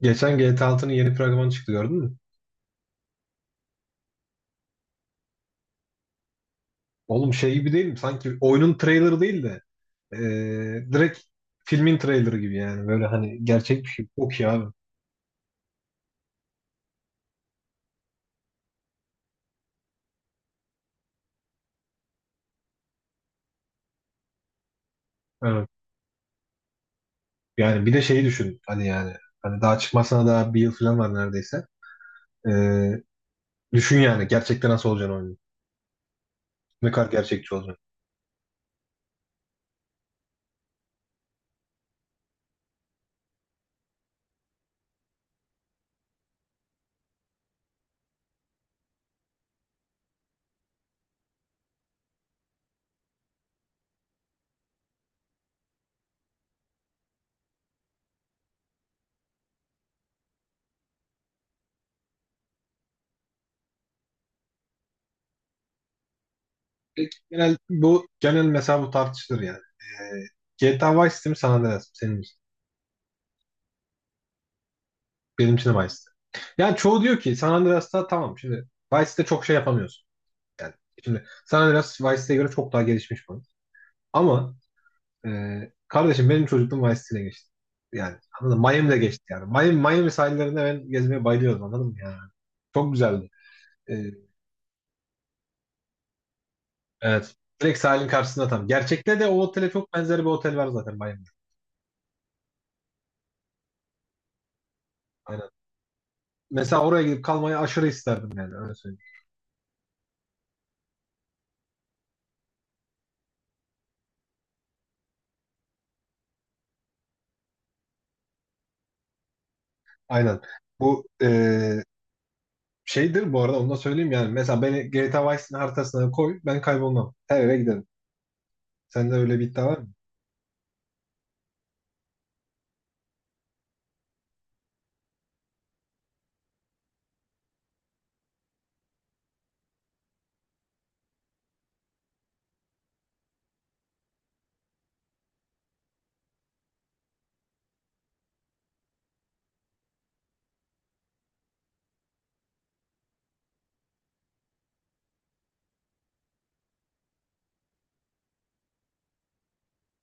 Geçen GTA altının yeni fragmanı çıktı gördün mü? Oğlum şey gibi değil mi? Sanki oyunun trailerı değil de direkt filmin trailerı gibi yani. Böyle hani gerçek bir şey. Çok iyi abi. Evet. Yani bir de şeyi düşün. Hani daha çıkmasına daha bir yıl falan var neredeyse. Eee, düşün yani gerçekten nasıl olacağını oyunun. Ne kadar gerçekçi olacak. Bu genel mesela bu tartışılır yani. GTA Vice City mi San Andreas mı? Senin için. Benim için de Vice City. Yani çoğu diyor ki San Andreas'ta tamam şimdi Vice'de çok şey yapamıyorsun. Yani şimdi sen Andreas Vice City'ye göre çok daha gelişmiş bu. Ama e, kardeşim benim çocukluğum Vice City'ne geçti. Yani anladın mı? Miami'de geçti yani. Miami, Miami sahillerinde ben gezmeye bayılıyordum anladın mı yani. Çok güzeldi. E, evet. Direkt sahilin karşısında tam. Gerçekte de o otele çok benzer bir otel var zaten Miami'de. Aynen. Mesela oraya gidip kalmayı aşırı isterdim yani öyle söyleyeyim. Aynen. Bu şeydir bu arada onu da söyleyeyim yani. Mesela beni GTA Vice City'nin haritasına koy ben kaybolmam. Her yere giderim. Sende öyle bir iddia var mı?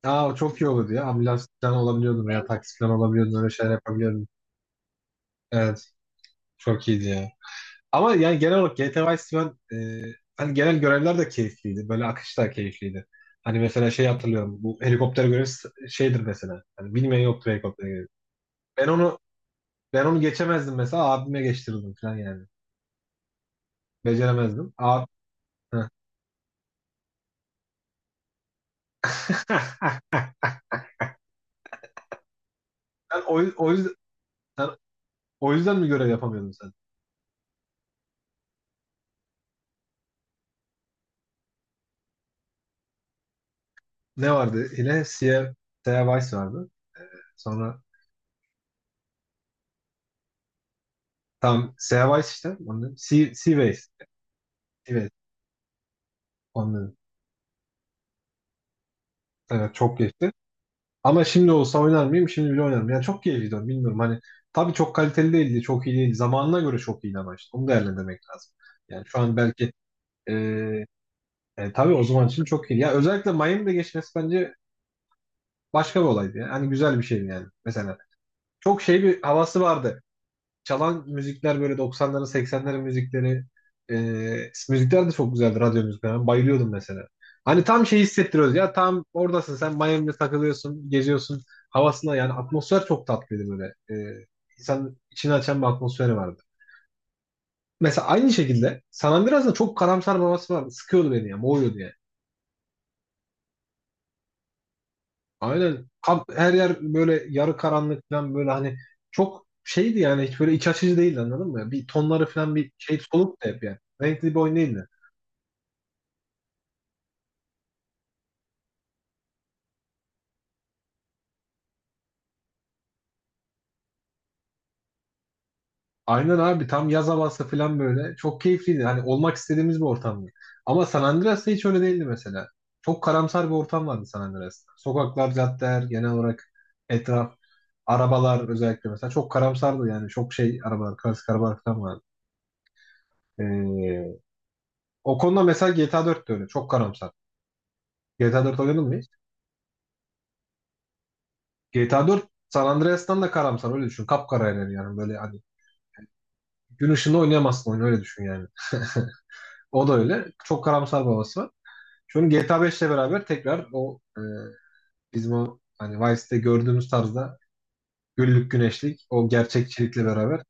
Aa, çok iyi olurdu ya. Ambulans falan olabiliyordun veya taksi falan olabiliyordun. Öyle şeyler yapabiliyordun. Evet. Çok iyiydi ya. Ama yani genel olarak GTA Vice City ben hani genel görevler de keyifliydi. Böyle akış da keyifliydi. Hani mesela şey hatırlıyorum. Bu helikopter görevi şeydir mesela. Hani bilmeyen yoktur helikopter görevi. Ben onu ben onu geçemezdim mesela. Abime geçtirirdim falan yani. Beceremezdim. Abi, sen o, yüz- o yüzden sen o yüzden mi görev yapamıyordun sen? Ne vardı? Yine Sierra Vice vardı. Sonra tam Seaways işte. Onun, Seaways. Seaways. Onun, evet çok geçti. Ama şimdi olsa oynar mıyım? Şimdi bile oynarım. Yani çok keyifliydi. Bilmiyorum hani. Tabii çok kaliteli değildi. Çok iyi değildi. Zamanına göre çok iyi ama işte. Onu değerlendirmek lazım. Yani şu an belki e, tabii o zaman için çok iyi. Ya özellikle Miami'de geçmesi bence başka bir olaydı. Yani. Hani güzel bir şeydi yani. Mesela çok şey bir havası vardı. Çalan müzikler böyle doksanların, seksenlerin müzikleri e, müzikler de çok güzeldi radyo müzikler. Ben bayılıyordum mesela. Hani tam şey hissettiriyoruz ya tam oradasın sen Miami'de takılıyorsun geziyorsun havasına yani atmosfer çok tatlıydı böyle. İnsan içini açan bir atmosferi vardı. Mesela aynı şekilde San Andreas'ın çok karamsar bir havası vardı. Sıkıyordu beni ya boğuyordu yani. Aynen kamp, her yer böyle yarı karanlık falan böyle hani çok şeydi yani hiç böyle iç açıcı değildi anladın mı? Bir tonları falan bir şey soluktu hep yani. Renkli bir oyun değildi. Aynen abi tam yaz havası falan böyle. Çok keyifliydi. Hani olmak istediğimiz bir ortamdı. Ama San Andreas'ta hiç öyle değildi mesela. Çok karamsar bir ortam vardı San Andreas'ta. Sokaklar, caddeler, genel olarak etraf, arabalar özellikle mesela çok karamsardı yani. Çok şey arabalar, klasik arabalar falan vardı. Ee, o konuda mesela GTA 4 de öyle. Çok karamsar. GTA 4 oynadın mı hiç? GTA 4 San Andreas'tan da karamsar öyle düşün. Kapkara yani böyle hani gün ışığında oynayamazsın oyunu öyle düşün yani. O da öyle. Çok karamsar babası. Şu an GTA 5 ile beraber tekrar o bizim o hani Vice'de gördüğümüz tarzda güllük güneşlik o gerçekçilikle beraber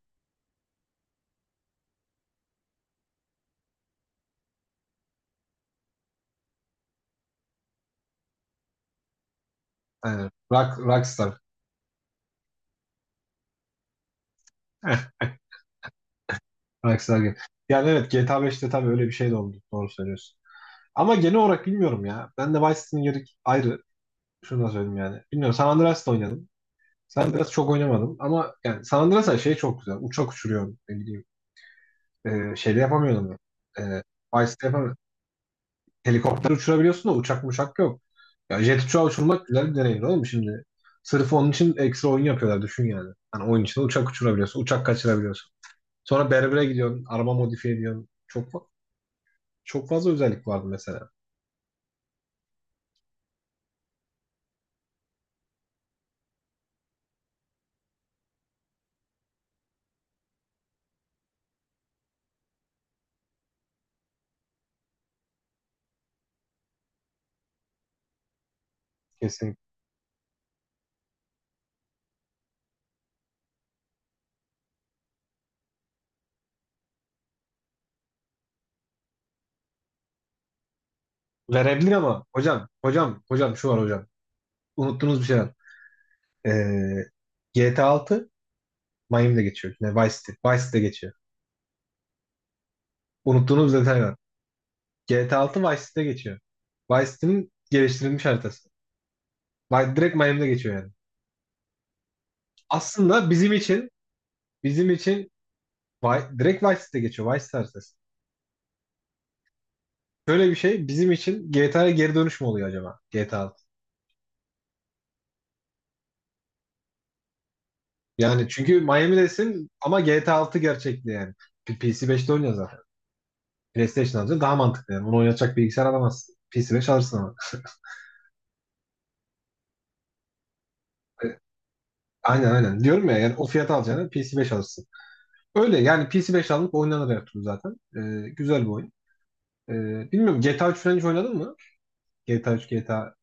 aynen rockstar rockstar gibi. Yani evet GTA 5'te tabii öyle bir şey de oldu. Doğru söylüyorsun. Ama genel olarak bilmiyorum ya. Ben de Vice City'nin yeri ayrı. Şunu da söyleyeyim yani. Bilmiyorum San Andreas'ta oynadım. San Andreas çok oynamadım ama yani San Andreas'a şey çok güzel. Uçak uçuruyorum ne bileyim. Şeyde yapamıyordum. E, Vice'de yapamıyordum. Helikopter uçurabiliyorsun da uçak yok. Ya jet uçağı uçurmak güzel bir deneyim oğlum şimdi. Sırf onun için ekstra oyun yapıyorlar düşün yani. Hani oyun içinde uçak uçurabiliyorsun, uçak kaçırabiliyorsun. Sonra berbere gidiyorsun, araba modifiye ediyorsun. Çok fazla özellik vardı mesela. Kesin. Verebilir ama hocam, hocam, hocam şu var hocam. Unuttuğunuz bir şey var. Ee, GTA 6 Miami'de geçiyor. Ne, Vice City. Vice City'de geçiyor. Unuttuğunuz bir detay var. GTA 6 Vice City'de geçiyor. Vice City'nin geliştirilmiş haritası. Direkt Miami'de geçiyor yani. Aslında bizim için direkt Vice City'de geçiyor. Vice Star ses. Şöyle bir şey bizim için GTA'ya geri dönüş mü oluyor acaba? GTA 6. Yani çünkü Miami'desin ama GTA altı gerçekli yani. PC5'te oynuyor zaten. PlayStation alacaksın daha mantıklı yani. Onu oynatacak bilgisayar alamazsın. PC5 alırsın ama. E, Aynen aynen. Diyorum ya yani o fiyata alacağını PC5 alırsın. Öyle yani PC5 alınıp oynanır her türlü zaten. Güzel bir oyun. E, bilmiyorum GTA 3 falan hiç oynadın mı? GTA 3, GTA.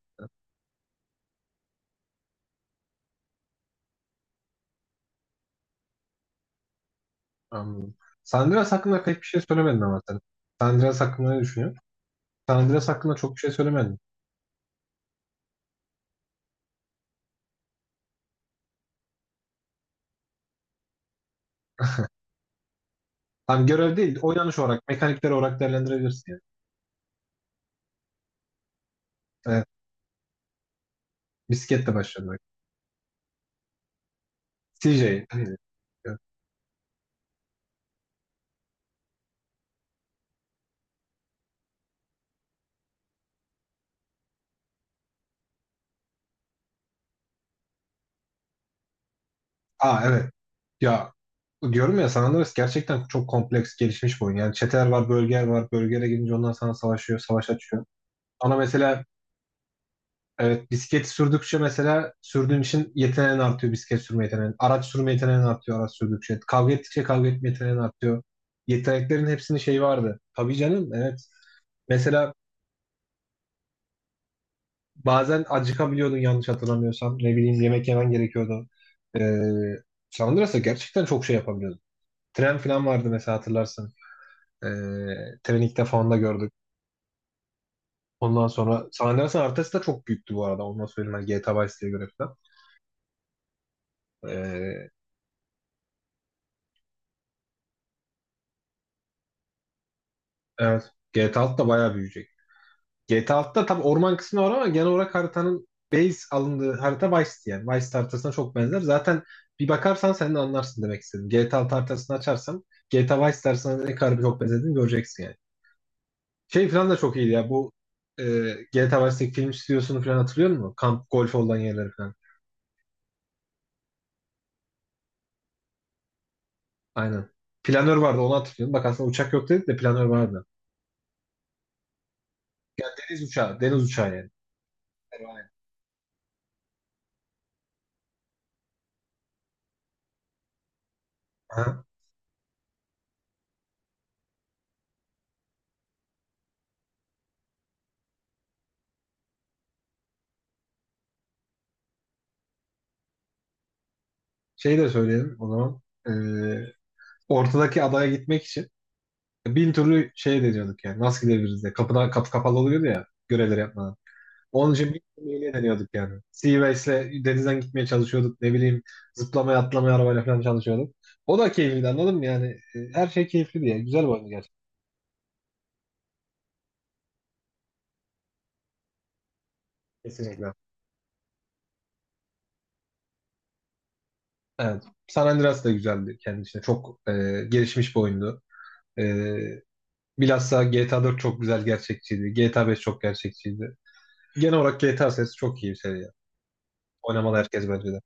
Anladım. San Andreas hakkında pek bir şey söylemedin ama sen. San Andreas hakkında ne düşünüyorsun? San Andreas hakkında çok bir şey söylemedin. Tam görev değil, oynanış olarak, mekanikler olarak değerlendirebilirsin yani. Evet, bisikletle başladı. CJ neydi? Aa evet. Ya diyorum ya San Andreas gerçekten çok kompleks gelişmiş bir oyun. Yani çeteler var, bölgeler var. Bölgelere gidince onlar sana savaşıyor, savaş açıyor. Ama mesela evet, bisiklet sürdükçe mesela sürdüğün için yeteneğin artıyor bisiklet sürme yeteneğin. Araç sürme yeteneğin artıyor araç sürdükçe. Kavga ettikçe kavga etme yeteneğin artıyor. Yeteneklerin hepsinin şeyi vardı. Tabii canım evet. Mesela bazen acıkabiliyordun yanlış hatırlamıyorsam. Ne bileyim yemek yemen gerekiyordu. Ee, Sandras'a gerçekten çok şey yapabiliyordun. Tren falan vardı mesela hatırlarsın. Ee, treni ilk defa onda gördük. Ondan sonra San Andreas'ın haritası da çok büyüktü bu arada. Ondan söyleyeyim ben GTA Vice City'ye göre falan. Ee, evet. GTA 6 da bayağı büyüyecek. GTA 6'da tabii orman kısmı var ama genel olarak haritanın base alındığı harita Vice'ti yani. Vice haritasına çok benzer. Zaten bir bakarsan sen de anlarsın demek istedim. GTA 6 haritasını açarsam GTA Vice haritasına ne kadar çok benzediğini göreceksin yani. Şey falan da çok iyiydi ya bu e, GTA Vice'deki film stüdyosunu falan hatırlıyor musun? Kamp golf olan yerleri falan. Aynen. Planör vardı onu hatırlıyorum. Bak aslında uçak yok dedik de planör vardı. Yani deniz uçağı, deniz uçağı yani. Evet, aynen. Aha. Şey de söyleyelim o zaman. E, ortadaki adaya gitmek için bin türlü şey deniyorduk yani. Nasıl gidebiliriz diye. Kapıdan kapı kapalı oluyordu ya. Görevleri yapmadan. Onun için bin türlü hile deniyorduk yani. Seaways'le denizden gitmeye çalışıyorduk. Ne bileyim zıplamaya atlamaya arabayla falan çalışıyorduk. O da keyifliydi anladın mı yani? Her şey keyifli diye. Güzel bir oyundu gerçekten. Kesinlikle. Evet. San Andreas da güzeldi kendi içinde. Çok gelişmiş bir oyundu. E, bilhassa GTA 4 çok güzel gerçekçiydi. GTA 5 çok gerçekçiydi. Genel olarak GTA serisi çok iyi bir seri ya. Oynamalı herkes bence de.